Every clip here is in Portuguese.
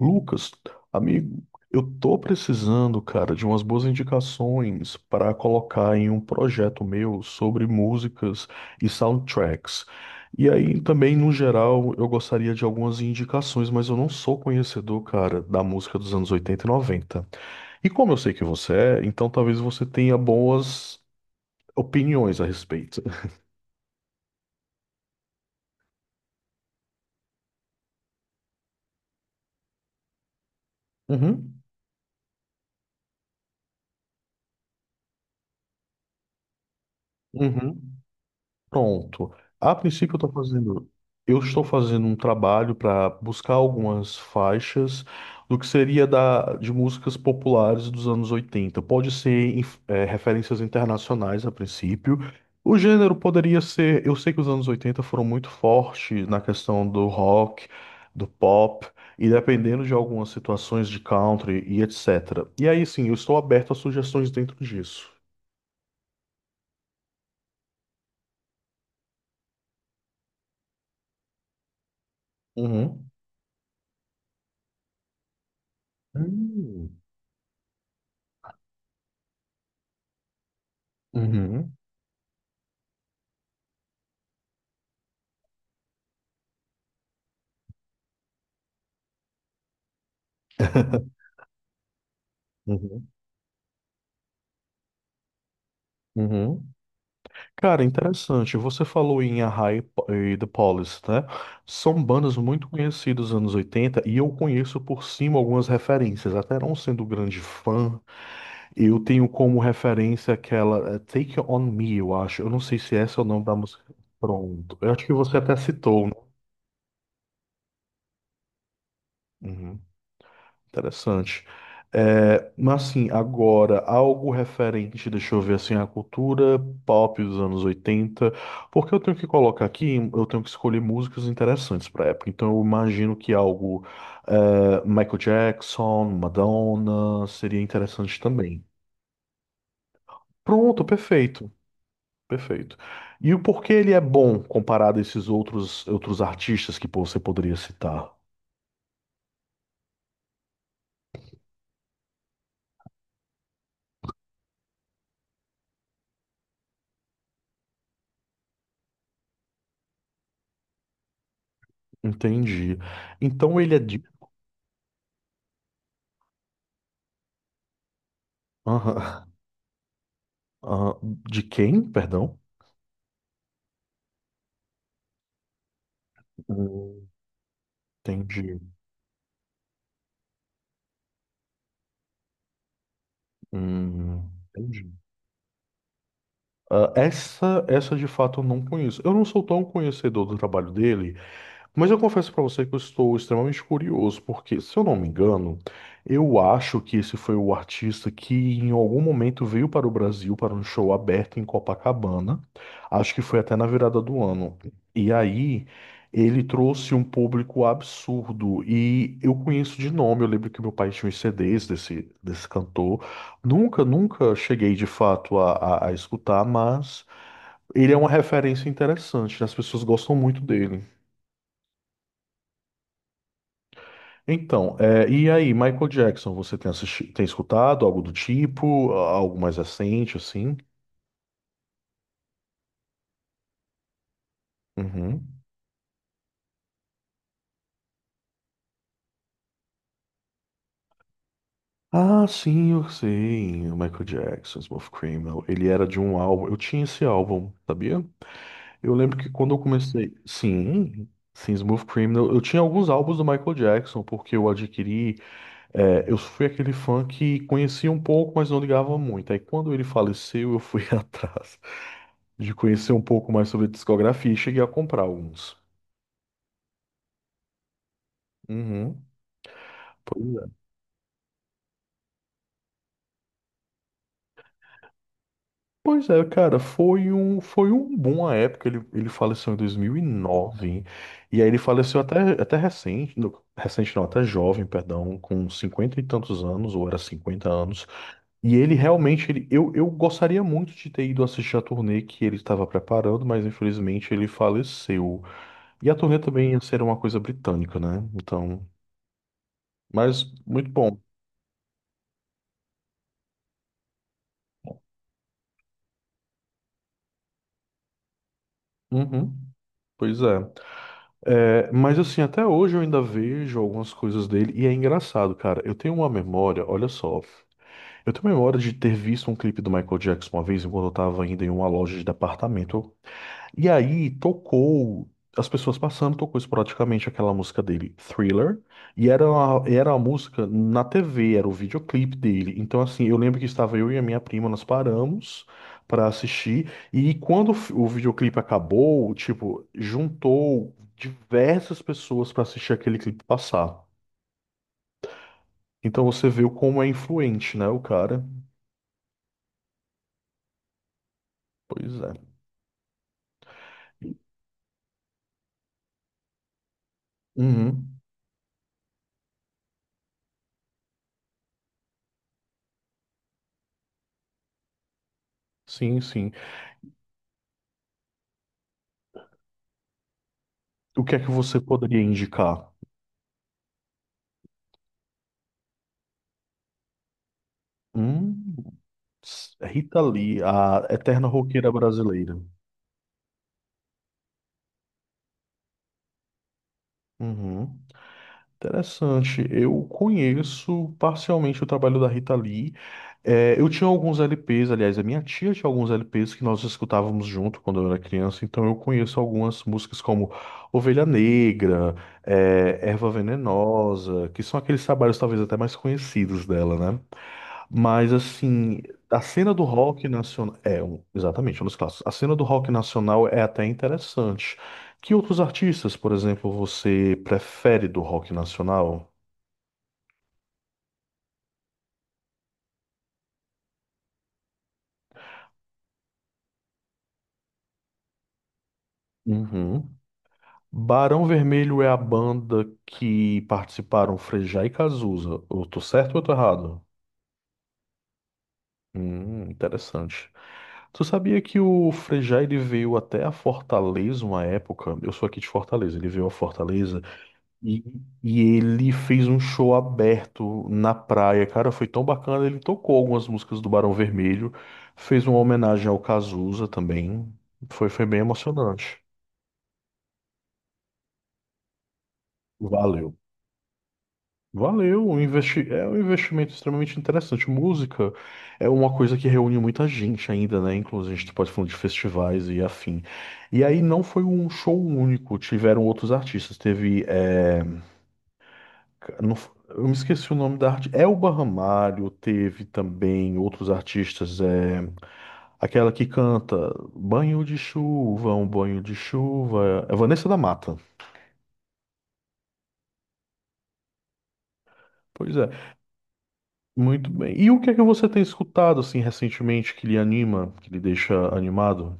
Lucas, amigo, eu tô precisando, cara, de umas boas indicações para colocar em um projeto meu sobre músicas e soundtracks. E aí também, no geral, eu gostaria de algumas indicações, mas eu não sou conhecedor, cara, da música dos anos 80 e 90. E como eu sei que você é, então talvez você tenha boas opiniões a respeito. Uhum. Uhum. Pronto. A princípio, eu estou fazendo um trabalho para buscar algumas faixas do que seria de músicas populares dos anos 80. Pode ser referências internacionais a princípio. O gênero poderia ser. Eu sei que os anos 80 foram muito fortes na questão do rock, do pop, e dependendo de algumas situações de country e etc. E aí, sim, eu estou aberto a sugestões dentro disso. Uhum. Hum. Uhum. Uhum. Uhum. Cara, interessante. Você falou em a Arrai e The Police, né? São bandas muito conhecidas dos anos 80 e eu conheço por cima algumas referências. Até não sendo grande fã, eu tenho como referência aquela Take On Me, eu acho. Eu não sei se essa é o nome da música. Pronto. Eu acho que você até citou, né? Uhum. Interessante. É, mas assim, agora, algo referente, deixa eu ver assim, a cultura pop dos anos 80 porque eu tenho que colocar aqui, eu tenho que escolher músicas interessantes para época. Então eu imagino que algo é, Michael Jackson, Madonna, seria interessante também. Pronto, perfeito, perfeito. E o porquê ele é bom comparado a esses outros artistas que pô, você poderia citar? Entendi. Então ele é de... Aham. Ah, de quem? Perdão? Hum, Entendi. Hum, entendi. Ah, essa de fato eu não conheço. Eu não sou tão conhecedor do trabalho dele, mas eu confesso para você que eu estou extremamente curioso, porque, se eu não me engano, eu acho que esse foi o artista que em algum momento veio para o Brasil para um show aberto em Copacabana. Acho que foi até na virada do ano. E aí ele trouxe um público absurdo. E eu conheço de nome, eu lembro que meu pai tinha os CDs desse cantor. Nunca, nunca cheguei de fato a escutar, mas ele é uma referência interessante, né? As pessoas gostam muito dele. Então, e aí, Michael Jackson, você tem tem escutado algo do tipo, algo mais recente, assim? Uhum. Ah, sim, eu sei. O Michael Jackson, Smooth Criminal. Ele era de um álbum. Eu tinha esse álbum, sabia? Eu lembro que quando eu comecei. Sim, sim, Smooth Criminal. Eu tinha alguns álbuns do Michael Jackson, porque eu adquiri. É, eu fui aquele fã que conhecia um pouco, mas não ligava muito. Aí quando ele faleceu, eu fui atrás de conhecer um pouco mais sobre a discografia e cheguei a comprar alguns. Uhum. Pois é. Pois é, cara, foi um boom à época. Ele faleceu em 2009 e aí ele faleceu até recente, recente não, até jovem, perdão, com 50 e tantos anos, ou era 50 anos. E ele realmente, eu gostaria muito de ter ido assistir a turnê que ele estava preparando, mas infelizmente ele faleceu. E a turnê também ia ser uma coisa britânica, né? Então, mas muito bom. Uhum, pois é. É, mas assim, até hoje eu ainda vejo algumas coisas dele e é engraçado, cara. Eu tenho uma memória, olha só. Eu tenho memória de ter visto um clipe do Michael Jackson uma vez enquanto eu estava ainda em uma loja de departamento. E aí tocou, as pessoas passando, tocou esporadicamente aquela música dele, Thriller, e era a música na TV, era o videoclipe dele. Então, assim, eu lembro que estava eu e a minha prima, nós paramos para assistir, e quando o videoclipe acabou, tipo, juntou diversas pessoas para assistir aquele clipe passar. Então você viu como é influente, né, o cara? Pois é. Uhum. Sim, sim. O que é que você poderia indicar? Hum. É Rita Lee, a eterna roqueira brasileira. Uhum. Interessante. Eu conheço parcialmente o trabalho da Rita Lee. É, eu tinha alguns LPs, aliás, a minha tia tinha alguns LPs que nós escutávamos junto quando eu era criança, então eu conheço algumas músicas como Ovelha Negra, Erva Venenosa, que são aqueles trabalhos talvez até mais conhecidos dela, né? Mas assim, a cena do rock nacional é exatamente um dos clássicos. A cena do rock nacional é até interessante. Que outros artistas, por exemplo, você prefere do rock nacional? Uhum. Barão Vermelho é a banda que participaram Frejá e Cazuza. Eu tô certo ou eu tô errado? Interessante. Tu sabia que o Frejá ele veio até a Fortaleza uma época? Eu sou aqui de Fortaleza, ele veio a Fortaleza. E, e ele fez um show aberto na praia, cara, foi tão bacana. Ele tocou algumas músicas do Barão Vermelho, fez uma homenagem ao Cazuza também. Foi bem emocionante. Valeu. Valeu, é um investimento extremamente interessante. Música é uma coisa que reúne muita gente ainda, né? Inclusive, a gente pode falar de festivais e afim. E aí não foi um show único, tiveram outros artistas. Teve. Não f- Eu me esqueci o nome da arte. Elba Ramalho teve também outros artistas. É, aquela que canta Banho de Chuva, um banho de chuva. É Vanessa da Mata. Pois é, muito bem. E o que é que você tem escutado assim recentemente que lhe anima, que lhe deixa animado?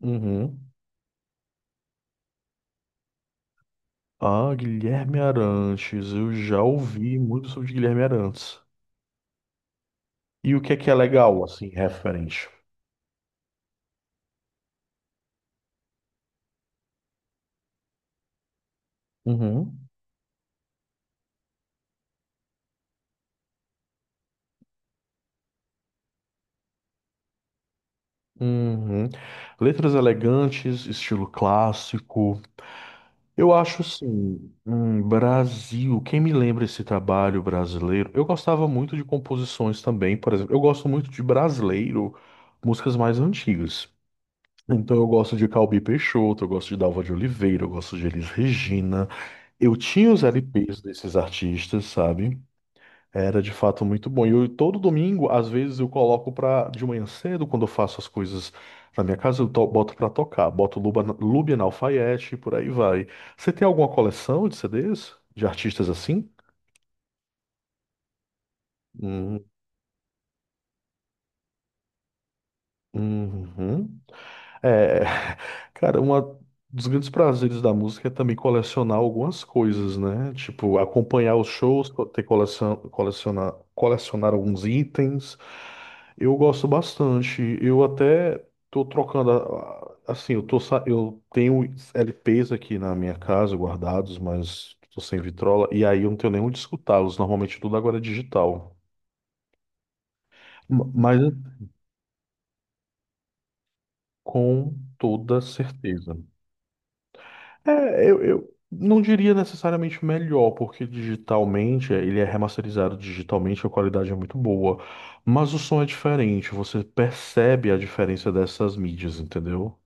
Uhum. Ah, Guilherme Arantes. Eu já ouvi muito sobre Guilherme Arantes. E o que é legal assim, referente? Uhum. Uhum. Letras elegantes, estilo clássico. Eu acho assim, Brasil, quem me lembra esse trabalho brasileiro? Eu gostava muito de composições também, por exemplo, eu gosto muito de brasileiro, músicas mais antigas. Então eu gosto de Calbi Peixoto, eu gosto de Dalva de Oliveira, eu gosto de Elis Regina. Eu tinha os LPs desses artistas, sabe? Era de fato muito bom. E eu, todo domingo, às vezes, eu coloco pra, de manhã cedo, quando eu faço as coisas na minha casa, boto pra tocar. Boto Luba, Lubian Alfaiate e por aí vai. Você tem alguma coleção de CDs? De artistas assim? Hum, uhum. É, cara, um dos grandes prazeres da música é também colecionar algumas coisas, né? Tipo, acompanhar os shows, ter coleção, colecionar alguns itens. Eu gosto bastante. Eu até tô trocando, assim, eu tenho LPs aqui na minha casa guardados, mas tô sem vitrola e aí eu não tenho nem onde escutá-los. Normalmente tudo agora é digital. Mas com toda certeza. É, eu não diria necessariamente melhor, porque digitalmente, ele é remasterizado digitalmente, a qualidade é muito boa. Mas o som é diferente, você percebe a diferença dessas mídias, entendeu?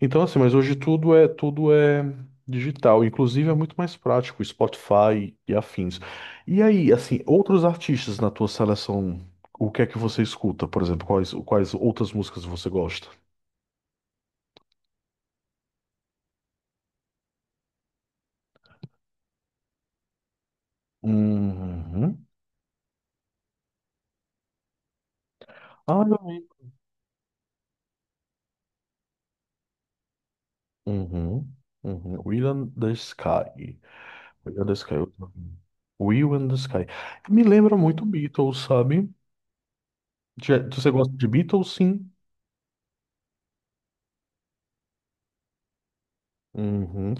Então, assim, mas hoje tudo é digital, inclusive é muito mais prático, Spotify e afins. E aí, assim, outros artistas na tua seleção, o que é que você escuta, por exemplo, quais outras músicas você gosta? Uhum. Ah, eu. Uhum, uhum. Will and the Sky. Will and the Sky. Eu tô. Will and the Sky. Me lembra muito Beatles, sabe? Você gosta de Beatles, sim? Uhum,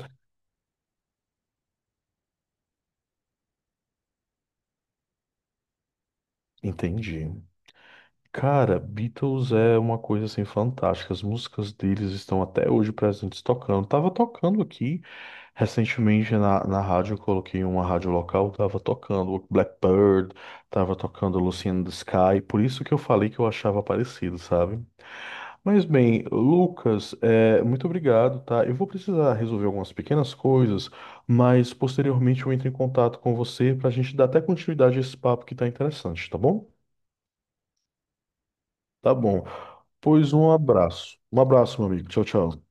entendi. Cara, Beatles é uma coisa assim fantástica. As músicas deles estão até hoje presentes tocando. Tava tocando aqui recentemente na rádio, eu coloquei uma rádio local, tava tocando Blackbird, tava tocando Lucy in the Sky, por isso que eu falei que eu achava parecido, sabe? Mas bem, Lucas, muito obrigado, tá? Eu vou precisar resolver algumas pequenas coisas, mas posteriormente eu entro em contato com você para a gente dar até continuidade a esse papo que tá interessante, tá bom? Tá bom. Pois um abraço. Um abraço, meu amigo. Tchau, tchau.